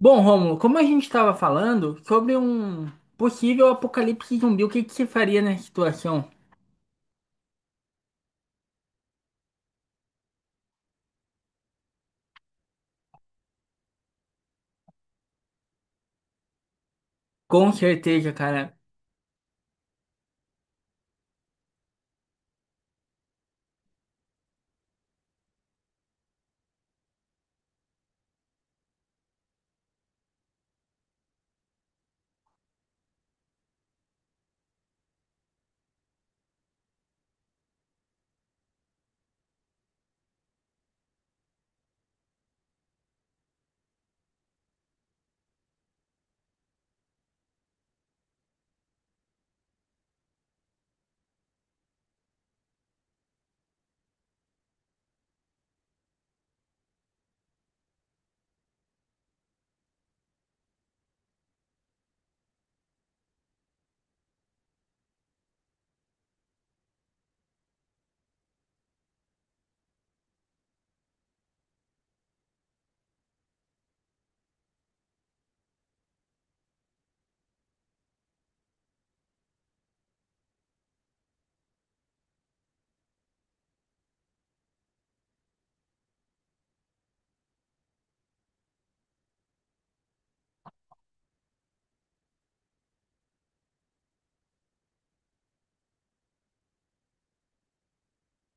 Bom, Rômulo, como a gente estava falando sobre um possível apocalipse zumbi, o que que você faria nessa situação? Com certeza, cara.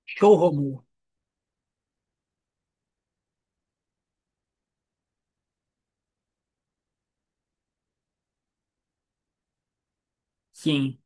Show, Rômulo. Sim.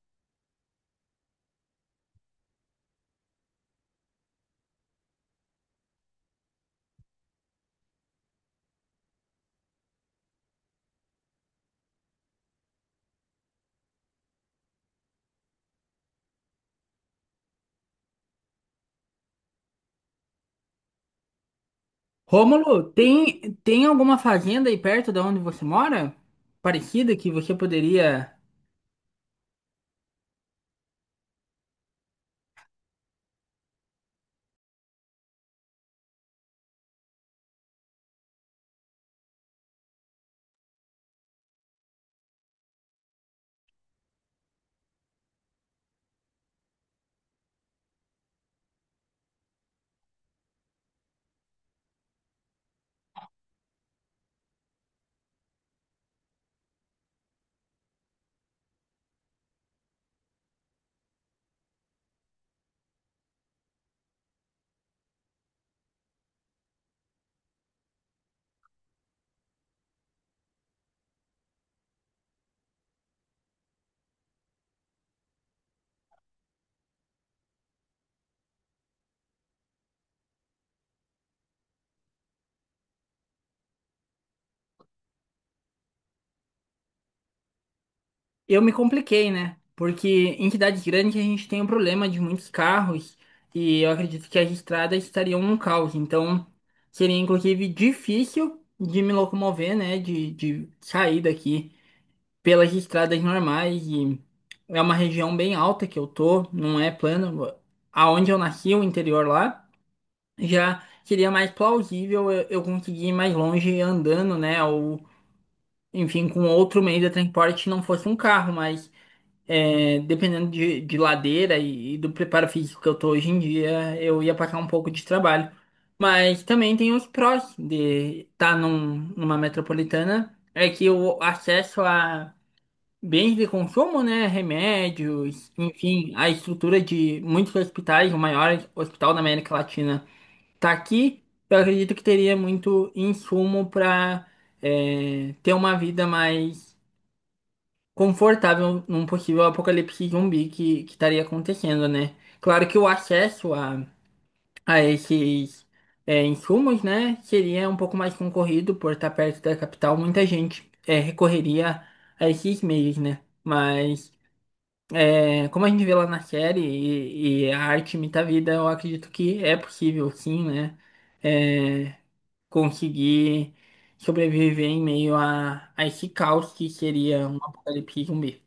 Rômulo, tem alguma fazenda aí perto da onde você mora? Parecida que você poderia. Eu me compliquei, né? Porque em cidades grandes a gente tem um problema de muitos carros e eu acredito que as estradas estariam um caos. Então, seria inclusive difícil de me locomover, né? De sair daqui, pelas estradas normais. E é uma região bem alta que eu tô, não é plano. Aonde eu nasci, o interior lá, já seria mais plausível eu conseguir ir mais longe andando, né? Ou, enfim, com outro meio de transporte, não fosse um carro, mas dependendo de ladeira e do preparo físico que eu tô hoje em dia, eu ia passar um pouco de trabalho. Mas também tem os prós de estar numa metropolitana, é que o acesso a bens de consumo, né? Remédios, enfim, a estrutura de muitos hospitais, o maior hospital da América Latina está aqui. Eu acredito que teria muito insumo para ter uma vida mais confortável num possível apocalipse zumbi que estaria acontecendo, né? Claro que o acesso a esses insumos, né, seria um pouco mais concorrido por estar perto da capital. Muita gente recorreria a esses meios, né? Mas. É, como a gente vê lá na série, e a arte imita a vida, eu acredito que é possível, sim, né? É, conseguir sobreviver em meio a esse caos que seria um apocalipse zumbi.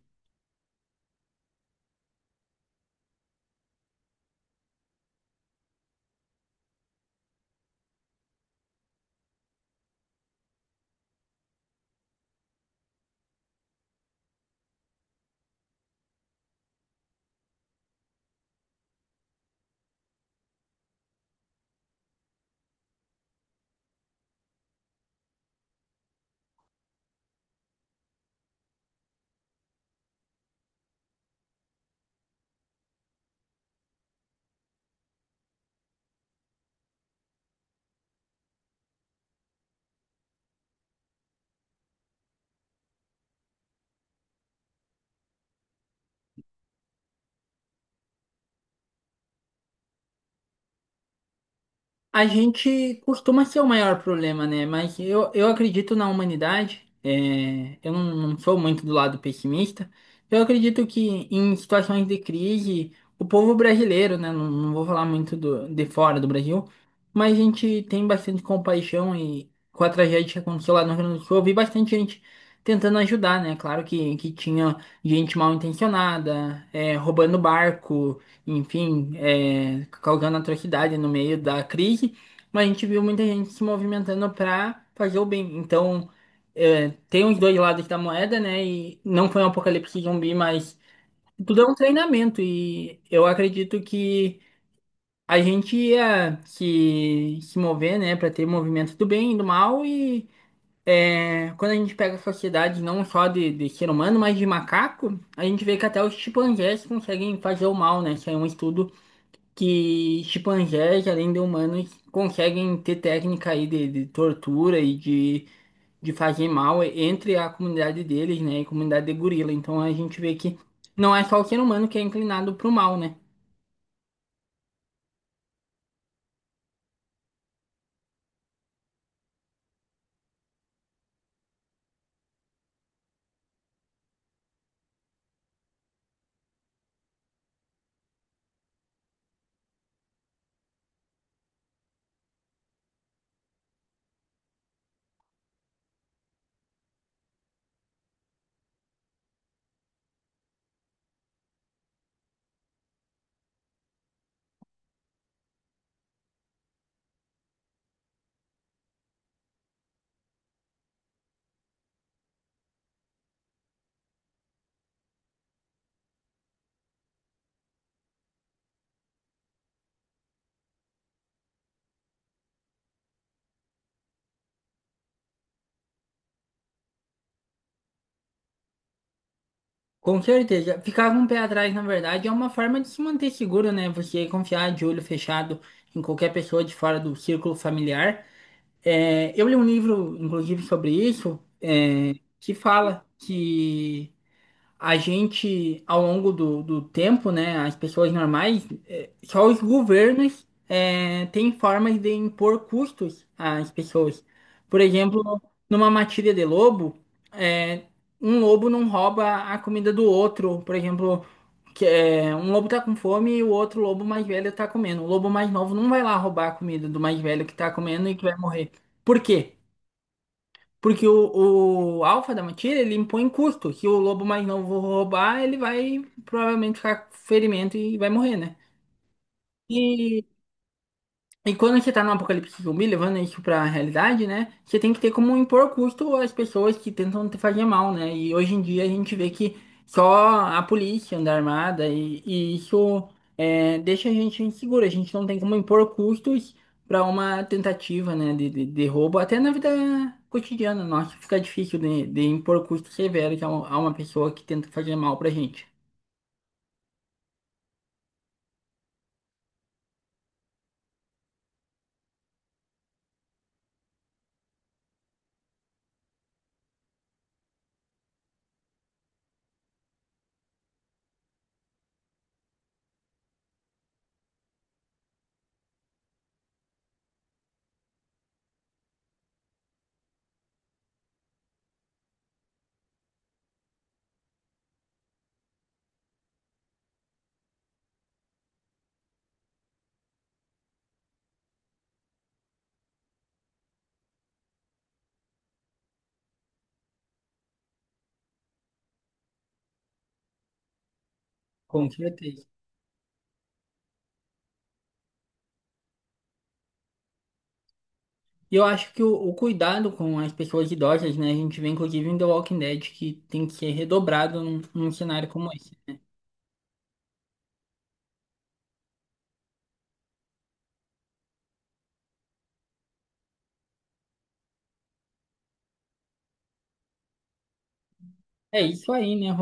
A gente costuma ser o maior problema, né? Mas eu acredito na humanidade. Eu não sou muito do lado pessimista. Eu acredito que em situações de crise, o povo brasileiro, né? Não, não vou falar muito do, de fora do Brasil, mas a gente tem bastante compaixão. E com a tragédia que aconteceu lá no Rio Grande do Sul, eu vi bastante gente tentando ajudar, né? Claro que tinha gente mal intencionada, roubando barco, enfim, causando atrocidade no meio da crise, mas a gente viu muita gente se movimentando para fazer o bem. Então, tem os dois lados da moeda, né? E não foi um apocalipse zumbi, mas tudo é um treinamento. E eu acredito que a gente ia se mover, né, para ter movimento do bem e do mal. E quando a gente pega a sociedade, não só de ser humano, mas de macaco, a gente vê que até os chimpanzés conseguem fazer o mal, né? Isso é um estudo que chimpanzés, além de humanos, conseguem ter técnica aí de tortura e de fazer mal entre a comunidade deles, né, e comunidade de gorila. Então a gente vê que não é só o ser humano que é inclinado para o mal, né? Com certeza. Ficar com o pé atrás, na verdade, é uma forma de se manter seguro, né? Você confiar de olho fechado em qualquer pessoa de fora do círculo familiar. É, eu li um livro, inclusive, sobre isso, que fala que a gente, ao longo do tempo, né, as pessoas normais, só os governos têm formas de impor custos às pessoas. Por exemplo, numa matilha de lobo, eh, um lobo não rouba a comida do outro. Por exemplo, um lobo tá com fome e o outro lobo mais velho tá comendo. O lobo mais novo não vai lá roubar a comida do mais velho que tá comendo e que vai morrer. Por quê? Porque o alfa da matilha, ele impõe custo. Se o lobo mais novo roubar, ele vai provavelmente ficar com ferimento e vai morrer, né? E quando você tá no apocalipse zumbi, levando isso pra realidade, né? Você tem que ter como impor custo às pessoas que tentam te fazer mal, né? E hoje em dia a gente vê que só a polícia anda armada e isso deixa a gente inseguro. A gente não tem como impor custos para uma tentativa, né, de roubo. Até na vida cotidiana, nossa, fica difícil de impor custos severos a a uma pessoa que tenta fazer mal pra gente. Com certeza. E eu acho que o cuidado com as pessoas idosas, né? A gente vê inclusive em The Walking Dead que tem que ser redobrado num cenário como esse. É isso aí, né?